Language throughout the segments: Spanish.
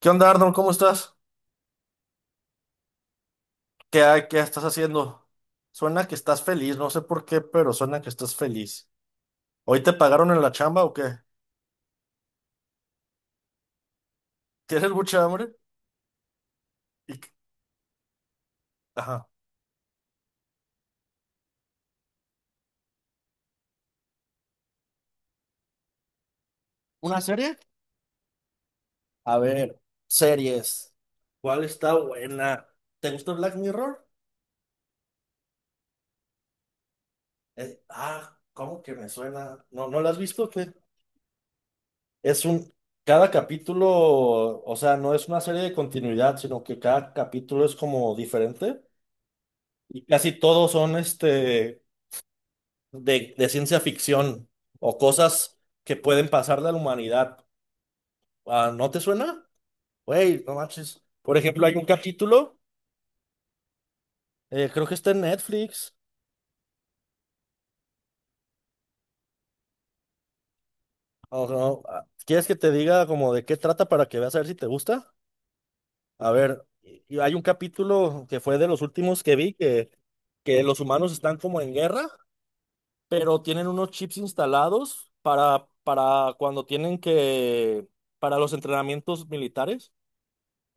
¿Qué onda, Arnold? ¿Cómo estás? ¿Qué, qué estás haciendo? Suena que estás feliz, no sé por qué, pero suena que estás feliz. ¿Hoy te pagaron en la chamba o qué? ¿Tienes mucha hambre? Y- qué- Ajá. ¿Una serie? A ver, series. ¿Cuál está buena? ¿Te gusta Black Mirror? ¿Cómo que me suena? ¿No, no la has visto? ¿O qué? Es un... Cada capítulo, o sea, no es una serie de continuidad, sino que cada capítulo es como diferente. Y casi todos son de ciencia ficción o cosas que pueden pasar de la humanidad. Ah, ¿no te suena? Güey, no manches. Por ejemplo, hay un capítulo, creo que está en Netflix. O no, ah, ¿quieres que te diga como de qué trata para que veas a ver si te gusta? A ver, y hay un capítulo que fue de los últimos que vi que los humanos están como en guerra, pero tienen unos chips instalados para cuando tienen que, para los entrenamientos militares.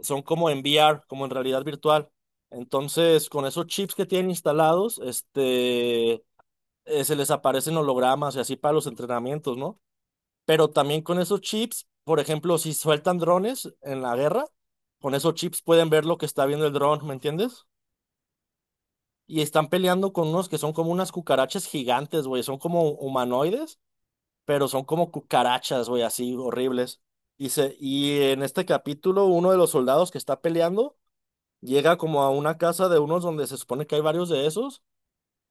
Son como en VR, como en realidad virtual. Entonces, con esos chips que tienen instalados, se les aparecen hologramas y así para los entrenamientos, ¿no? Pero también con esos chips, por ejemplo, si sueltan drones en la guerra, con esos chips pueden ver lo que está viendo el dron, ¿me entiendes? Y están peleando con unos que son como unas cucarachas gigantes, güey, son como humanoides, pero son como cucarachas, güey, así horribles. Y en este capítulo, uno de los soldados que está peleando llega como a una casa de unos donde se supone que hay varios de esos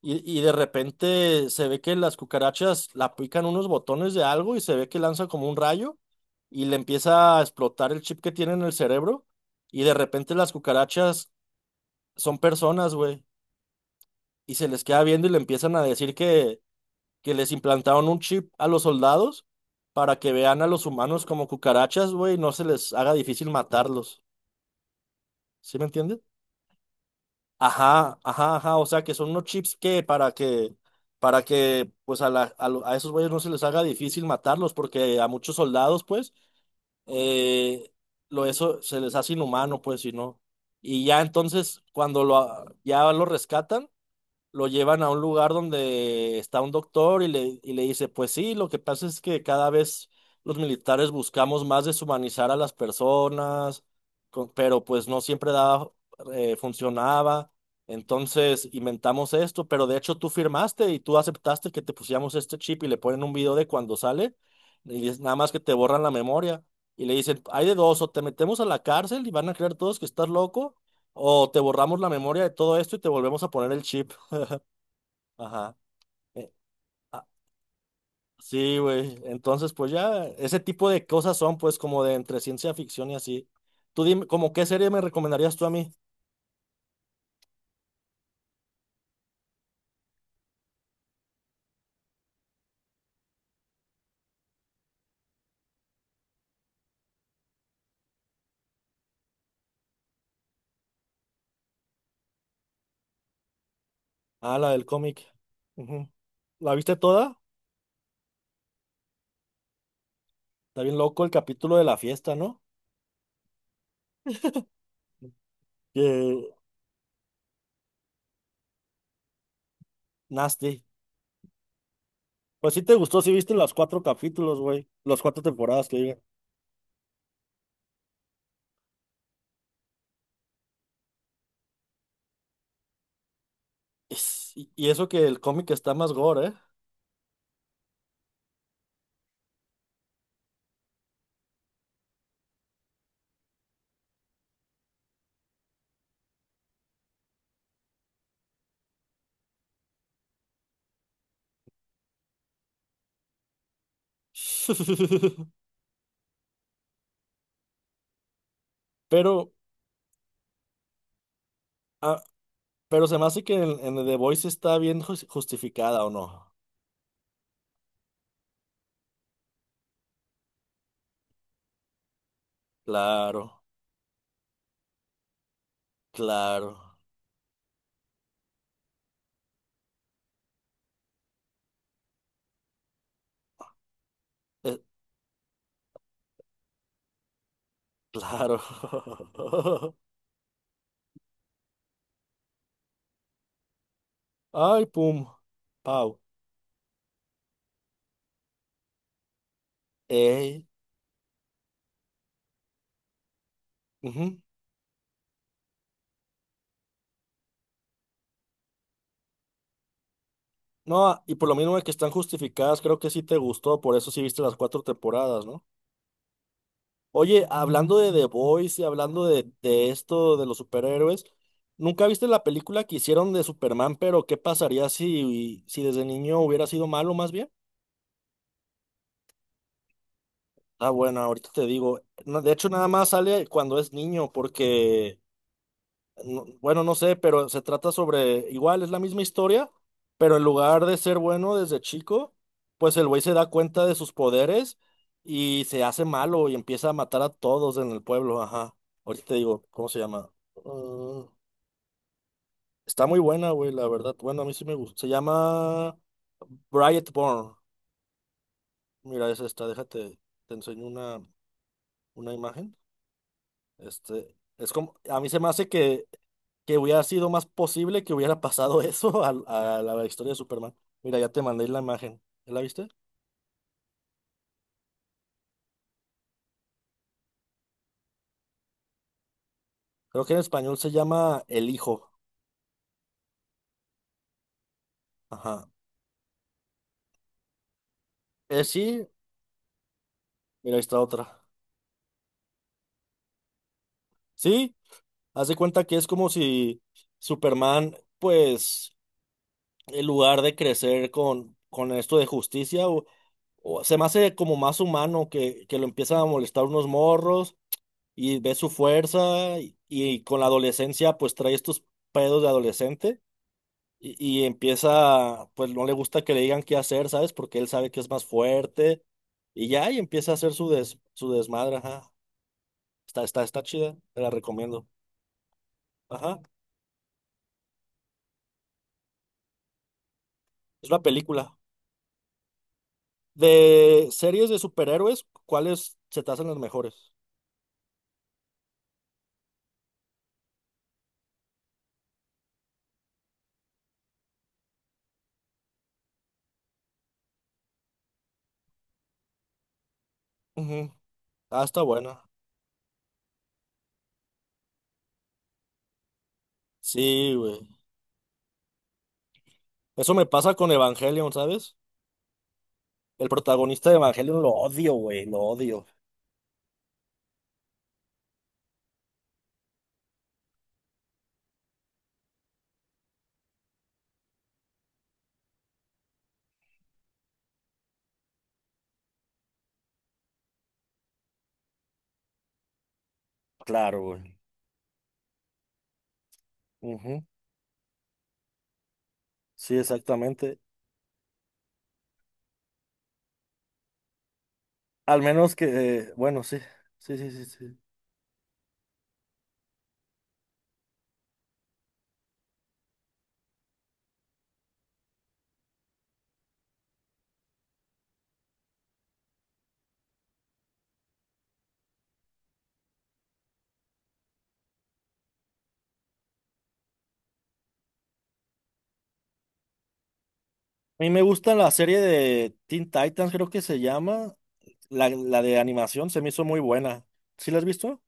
y de repente se ve que las cucarachas la aplican unos botones de algo y se ve que lanza como un rayo y le empieza a explotar el chip que tiene en el cerebro y de repente las cucarachas son personas, güey, y se les queda viendo y le empiezan a decir que les implantaron un chip a los soldados para que vean a los humanos como cucarachas, güey, y no se les haga difícil matarlos. ¿Sí me entiendes? Ajá, ajá, ajá, o sea que son unos chips que para que, para que pues a, la, a, lo- a esos güeyes no se les haga difícil matarlos, porque a muchos soldados pues eh, lo eso se les hace inhumano pues si no. Y ya entonces cuando ya lo rescatan, lo llevan a un lugar donde está un doctor y le dice, pues sí, lo que pasa es que cada vez los militares buscamos más deshumanizar a las personas, pero pues no siempre daba, funcionaba. Entonces inventamos esto, pero de hecho tú firmaste y tú aceptaste que te pusiéramos este chip y le ponen un video de cuando sale y es nada más que te borran la memoria y le dicen, hay de dos, o te metemos a la cárcel y van a creer todos que estás loco, o te borramos la memoria de todo esto y te volvemos a poner el chip. Ajá. Eh, ah, sí, güey. Entonces, pues ya, ese tipo de cosas son, pues, como de entre ciencia ficción y así. Tú dime, ¿como qué serie me recomendarías tú a mí? Ah, la del cómic. Ujú. ¿La viste toda? Está bien loco el capítulo de la fiesta, ¿no? Que nasty. Pues sí te gustó, sí viste los cuatro capítulos, güey. Las cuatro temporadas que digan. Y eso que el cómic está más gore, ¿eh? Pero, ah, pero se me hace que en The Voice está bien justificada, ¿o no? Claro. Claro, eh, claro. Ay, pum, pau. Ey. Ujú. No, ah, y por lo mismo de que están justificadas, creo que sí te gustó, por eso sí viste las cuatro temporadas, ¿no? Oye, hablando de The Boys y hablando de esto de los superhéroes, ¿nunca viste la película que hicieron de Superman, pero qué pasaría si, si desde niño hubiera sido malo más bien? Ah, bueno, ahorita te digo. No, de hecho, nada más sale cuando es niño, porque bueno, no sé, pero se trata sobre, igual es la misma historia, pero en lugar de ser bueno desde chico, pues el güey se da cuenta de sus poderes y se hace malo y empieza a matar a todos en el pueblo, ajá. Ahorita te digo, ¿cómo se llama? Mm, está muy buena, güey, la verdad. Bueno, a mí sí me gusta. Se llama Brightborn. Mira, es esta, déjate, te enseño una imagen. Este, es como, a mí se me hace que hubiera sido más posible que hubiera pasado eso a la historia de Superman. Mira, ya te mandé la imagen. ¿Ya la viste? Creo que en español se llama El Hijo. Ajá. Sí, mira, ahí está otra. Sí, haz de cuenta que es como si Superman, pues, en lugar de crecer con esto de justicia, o se me hace como más humano que lo empiezan a molestar unos morros. Y ves su fuerza y con la adolescencia pues trae estos pedos de adolescente y empieza, pues no le gusta que le digan qué hacer, ¿sabes? Porque él sabe que es más fuerte y ya y empieza a hacer su su desmadre, ajá. Está chida, te la recomiendo. Ajá, es una película. De series de superhéroes, ¿cuáles se te hacen las mejores? Ujú. Ah, está buena. Sí, güey. Eso me pasa con Evangelion, ¿sabes? El protagonista de Evangelion lo odio, güey, lo odio. Claro, güey. Ujú. Sí, exactamente. Al menos que, bueno, sí, sí, sí, sí, sí. A mí me gusta la serie de Teen Titans, creo que se llama. La de animación se me hizo muy buena. ¿Sí la has visto?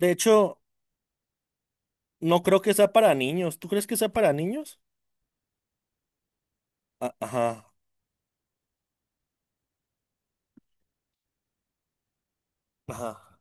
De hecho, no creo que sea para niños. ¿Tú crees que sea para niños? Ah, ajá, ajá.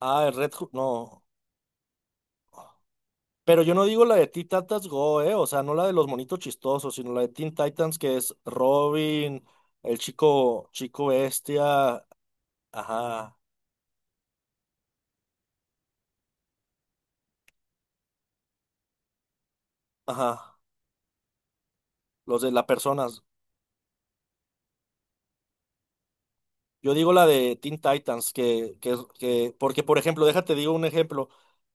Ah, el Red Hood, no. Pero yo no digo la de Teen Titans Go, eh. O sea, no la de los monitos chistosos, sino la de Teen Titans que es Robin, el chico, chico bestia. Ajá, ajá. Los de las personas. Yo digo la de Teen Titans, que, porque por ejemplo, déjate digo un ejemplo.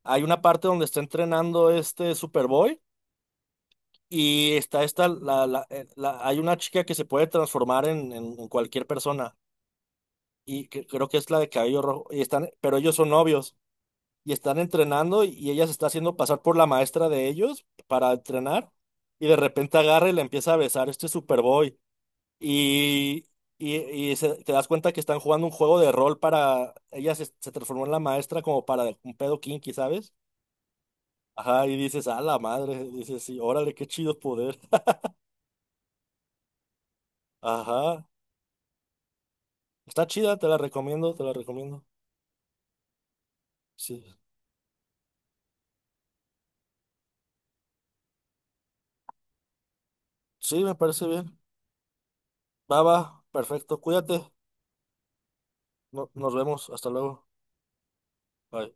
Hay una parte donde está entrenando este Superboy y está esta, hay una chica que se puede transformar en cualquier persona y que, creo que es la de cabello rojo y están, pero ellos son novios y están entrenando y ella se está haciendo pasar por la maestra de ellos para entrenar y de repente agarra y le empieza a besar este Superboy. Y, y, y te das cuenta que están jugando un juego de rol para... Ella se transformó en la maestra como para un pedo kinky, ¿sabes? Ajá, y dices, a la madre, dices, sí, órale, qué chido poder. Ajá, está chida, te la recomiendo, te la recomiendo. Sí, sí, me parece bien. Va, va, perfecto, cuídate, nos vemos, hasta luego. Bye.